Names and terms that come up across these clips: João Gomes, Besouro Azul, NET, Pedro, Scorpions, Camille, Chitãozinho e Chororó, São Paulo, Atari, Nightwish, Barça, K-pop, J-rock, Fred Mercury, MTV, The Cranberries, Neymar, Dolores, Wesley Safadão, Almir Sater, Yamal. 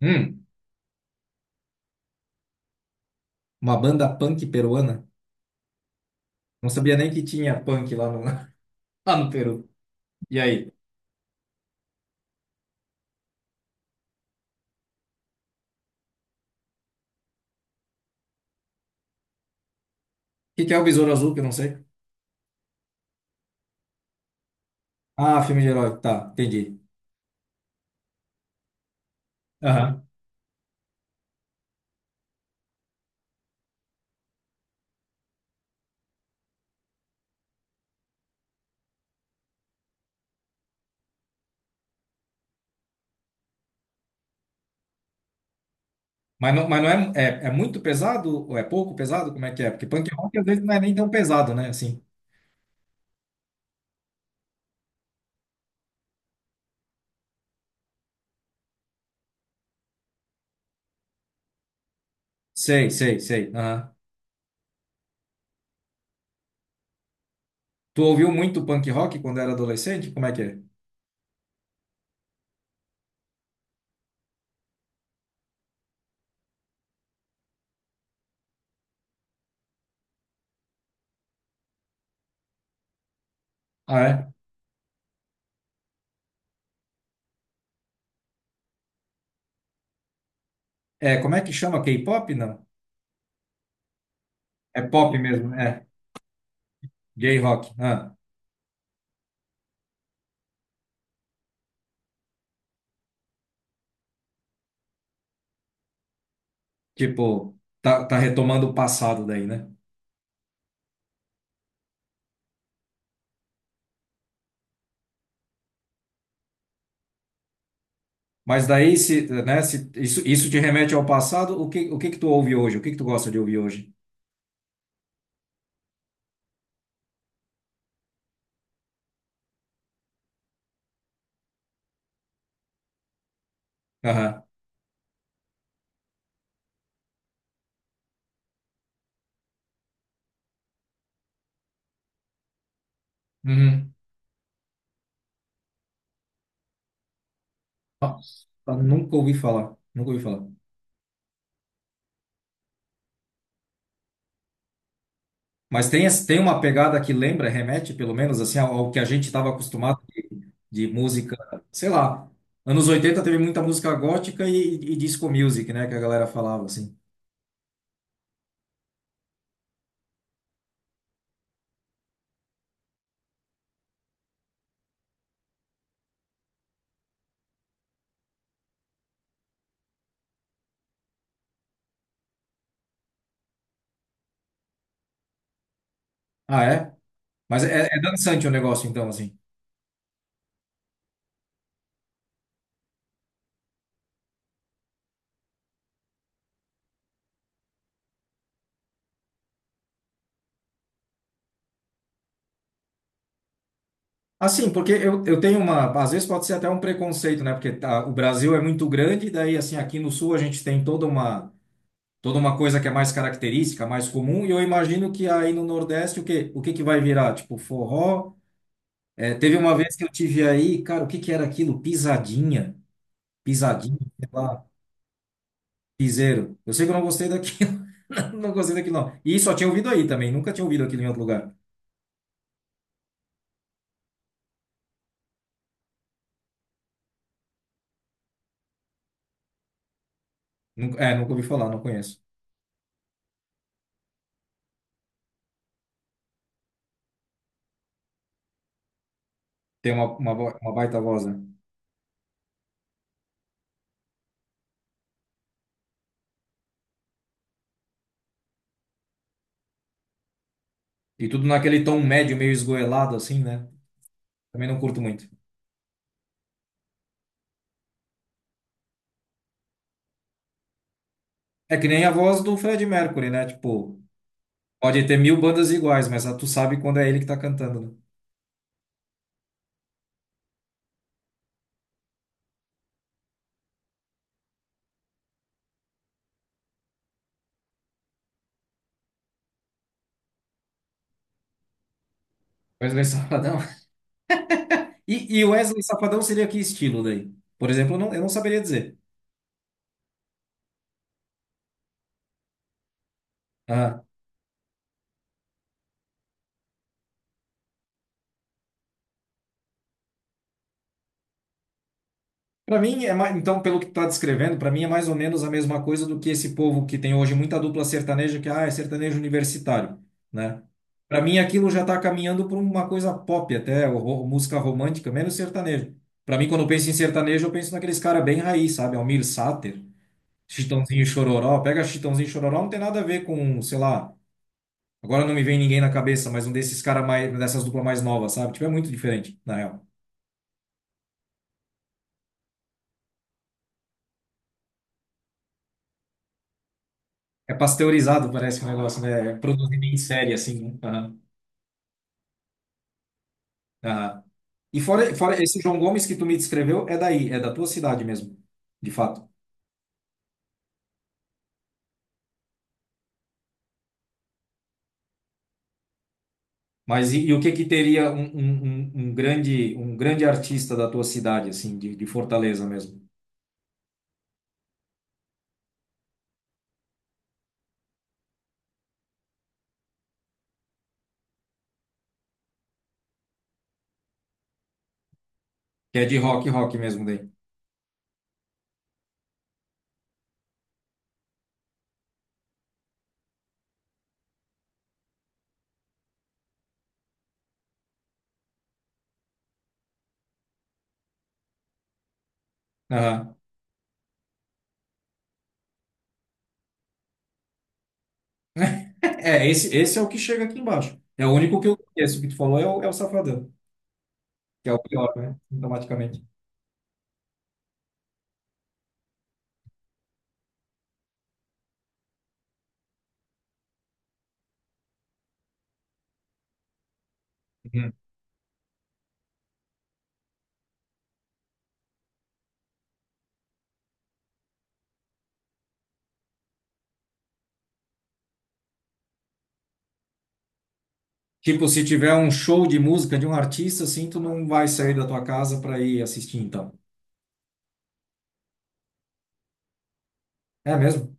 Hum, uma banda punk peruana? Não sabia nem que tinha punk lá no, lá no Peru. E aí? O que que é o Besouro Azul, que eu não sei? Ah, filme de herói. Tá, entendi. Aham. Mas não é, é muito pesado ou é pouco pesado? Como é que é? Porque punk rock às vezes não é nem tão pesado, né? Assim. Sei, sei, sei. Aham. Tu ouviu muito punk rock quando era adolescente? Como é que é? Ah, é? É, como é que chama? K-pop? Não. É pop mesmo, é. J-rock. Ah, tipo, tá retomando o passado daí, né? Mas daí, se, né, se isso te remete ao passado, o que que tu ouve hoje? O que que tu gosta de ouvir hoje? Aham. Uhum. Nossa, nunca ouvi falar, nunca ouvi falar. Mas tem, tem uma pegada que lembra, remete, pelo menos, assim, ao que a gente estava acostumado de, música, sei lá. Anos 80 teve muita música gótica e disco music, né, que a galera falava, assim. Ah, é? Mas é dançante o negócio, então, assim. Assim, porque eu tenho uma. Às vezes pode ser até um preconceito, né? Porque tá, o Brasil é muito grande, daí, assim, aqui no Sul a gente tem toda uma, coisa que é mais característica, mais comum, e eu imagino que aí no Nordeste o que que vai virar? Tipo, forró. É, teve uma vez que eu tive aí, cara, o que que era aquilo? Pisadinha. Pisadinha, sei lá, piseiro. Eu sei que eu não gostei daquilo, não gostei daquilo, não. E só tinha ouvido aí também, nunca tinha ouvido aquilo em outro lugar. É, nunca ouvi falar, não conheço. Tem uma baita voz, né? E tudo naquele tom médio, meio esgoelado, assim, né? Também não curto muito. É que nem a voz do Fred Mercury, né? Tipo, pode ter mil bandas iguais, mas tu sabe quando é ele que tá cantando, né? Wesley Safadão. E Wesley Safadão seria que estilo daí? Por exemplo, eu não saberia dizer. Ah, para mim, é mais, então, pelo que está descrevendo, para mim é mais ou menos a mesma coisa do que esse povo que tem hoje muita dupla sertaneja, que é sertanejo universitário, né? Para mim, aquilo já está caminhando para uma coisa pop, até ou música romântica, menos sertanejo. Para mim, quando eu penso em sertanejo, eu penso naqueles cara bem raiz, sabe? Almir Sater, Chitãozinho e Chororó. Pega Chitãozinho e Chororó, não tem nada a ver com, sei lá, agora não me vem ninguém na cabeça, mas um desses cara mais, dessas duplas mais novas, sabe? Tipo, é muito diferente, na real. É pasteurizado, parece que o negócio, né? É produzido em série, assim, né? Aham, aham. E fora, esse João Gomes que tu me descreveu, é daí, é da tua cidade mesmo, de fato. Mas e o que que teria um grande artista da tua cidade, assim, de Fortaleza mesmo? Que é de rock, rock mesmo daí. Aham. É, esse é o que chega aqui embaixo. É o único que eu conheço. O que tu falou é o Safadão, que é o pior, né? Automaticamente. Uhum. Tipo, se tiver um show de música de um artista, assim, tu não vai sair da tua casa para ir assistir, então. É mesmo?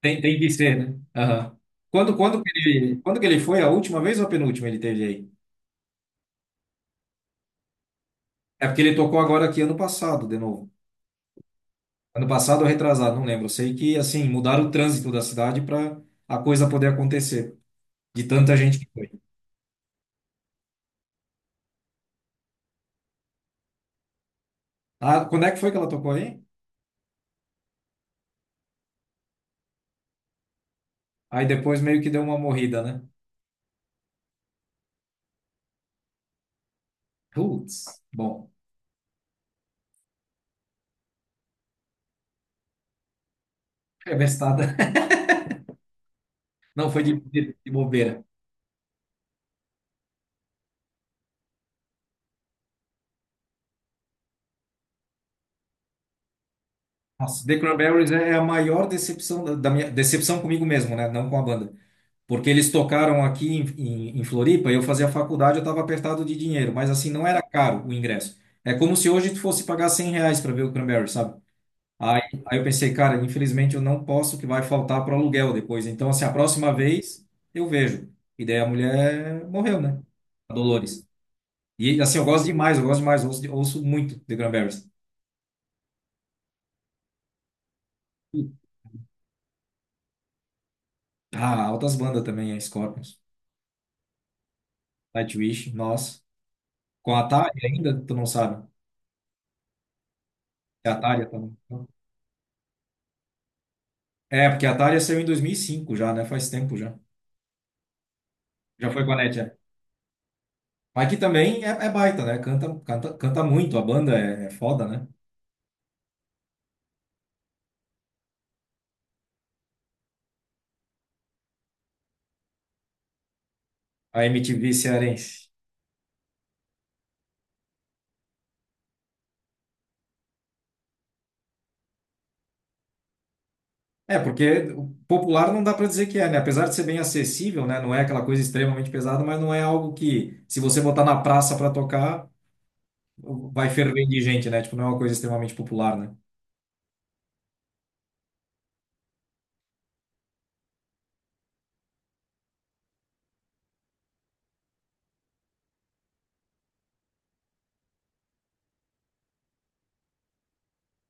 Tem que ser, né? Aham. Quando, quando que ele foi? A última vez ou a penúltima ele teve aí? É porque ele tocou agora aqui ano passado, de novo. Ano passado ou retrasado, não lembro. Eu sei que, assim, mudaram o trânsito da cidade para a coisa poder acontecer. De tanta gente que foi. Ah, quando é que foi que ela tocou aí? Aí depois meio que deu uma morrida, né? Putz, bom, é bestada. Não foi de, de bobeira. Nossa, The Cranberries é a maior decepção da minha decepção comigo mesmo, né? Não com a banda. Porque eles tocaram aqui em Floripa, eu fazia faculdade, eu estava apertado de dinheiro, mas assim, não era caro o ingresso. É como se hoje tu fosse pagar 100 reais para ver o Cranberries, sabe? Aí, aí, eu pensei, cara, infelizmente eu não posso, que vai faltar para o aluguel depois. Então, assim, a próxima vez eu vejo. E daí a mulher morreu, né? A Dolores. E assim, eu gosto demais, ouço muito The Cranberries. Ah, altas bandas também, é Scorpions. Nightwish, nossa. Com a Atari ainda? Tu não sabe? É a Atari também. É, porque a Atari saiu em 2005 já, né? Faz tempo já. Já foi com a NET, é. Mas que também é, é, baita, né? Canta, canta, canta muito, a banda é foda, né? A MTV cearense. É, porque o popular não dá pra dizer que é, né? Apesar de ser bem acessível, né? Não é aquela coisa extremamente pesada, mas não é algo que, se você botar na praça pra tocar, vai ferver de gente, né? Tipo, não é uma coisa extremamente popular, né?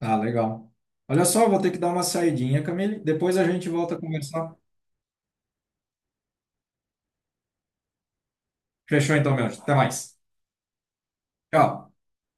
Ah, legal. Olha só, vou ter que dar uma saidinha, Camille. Depois a gente volta a conversar. Fechou então, meu anjo. Até mais. Tchau.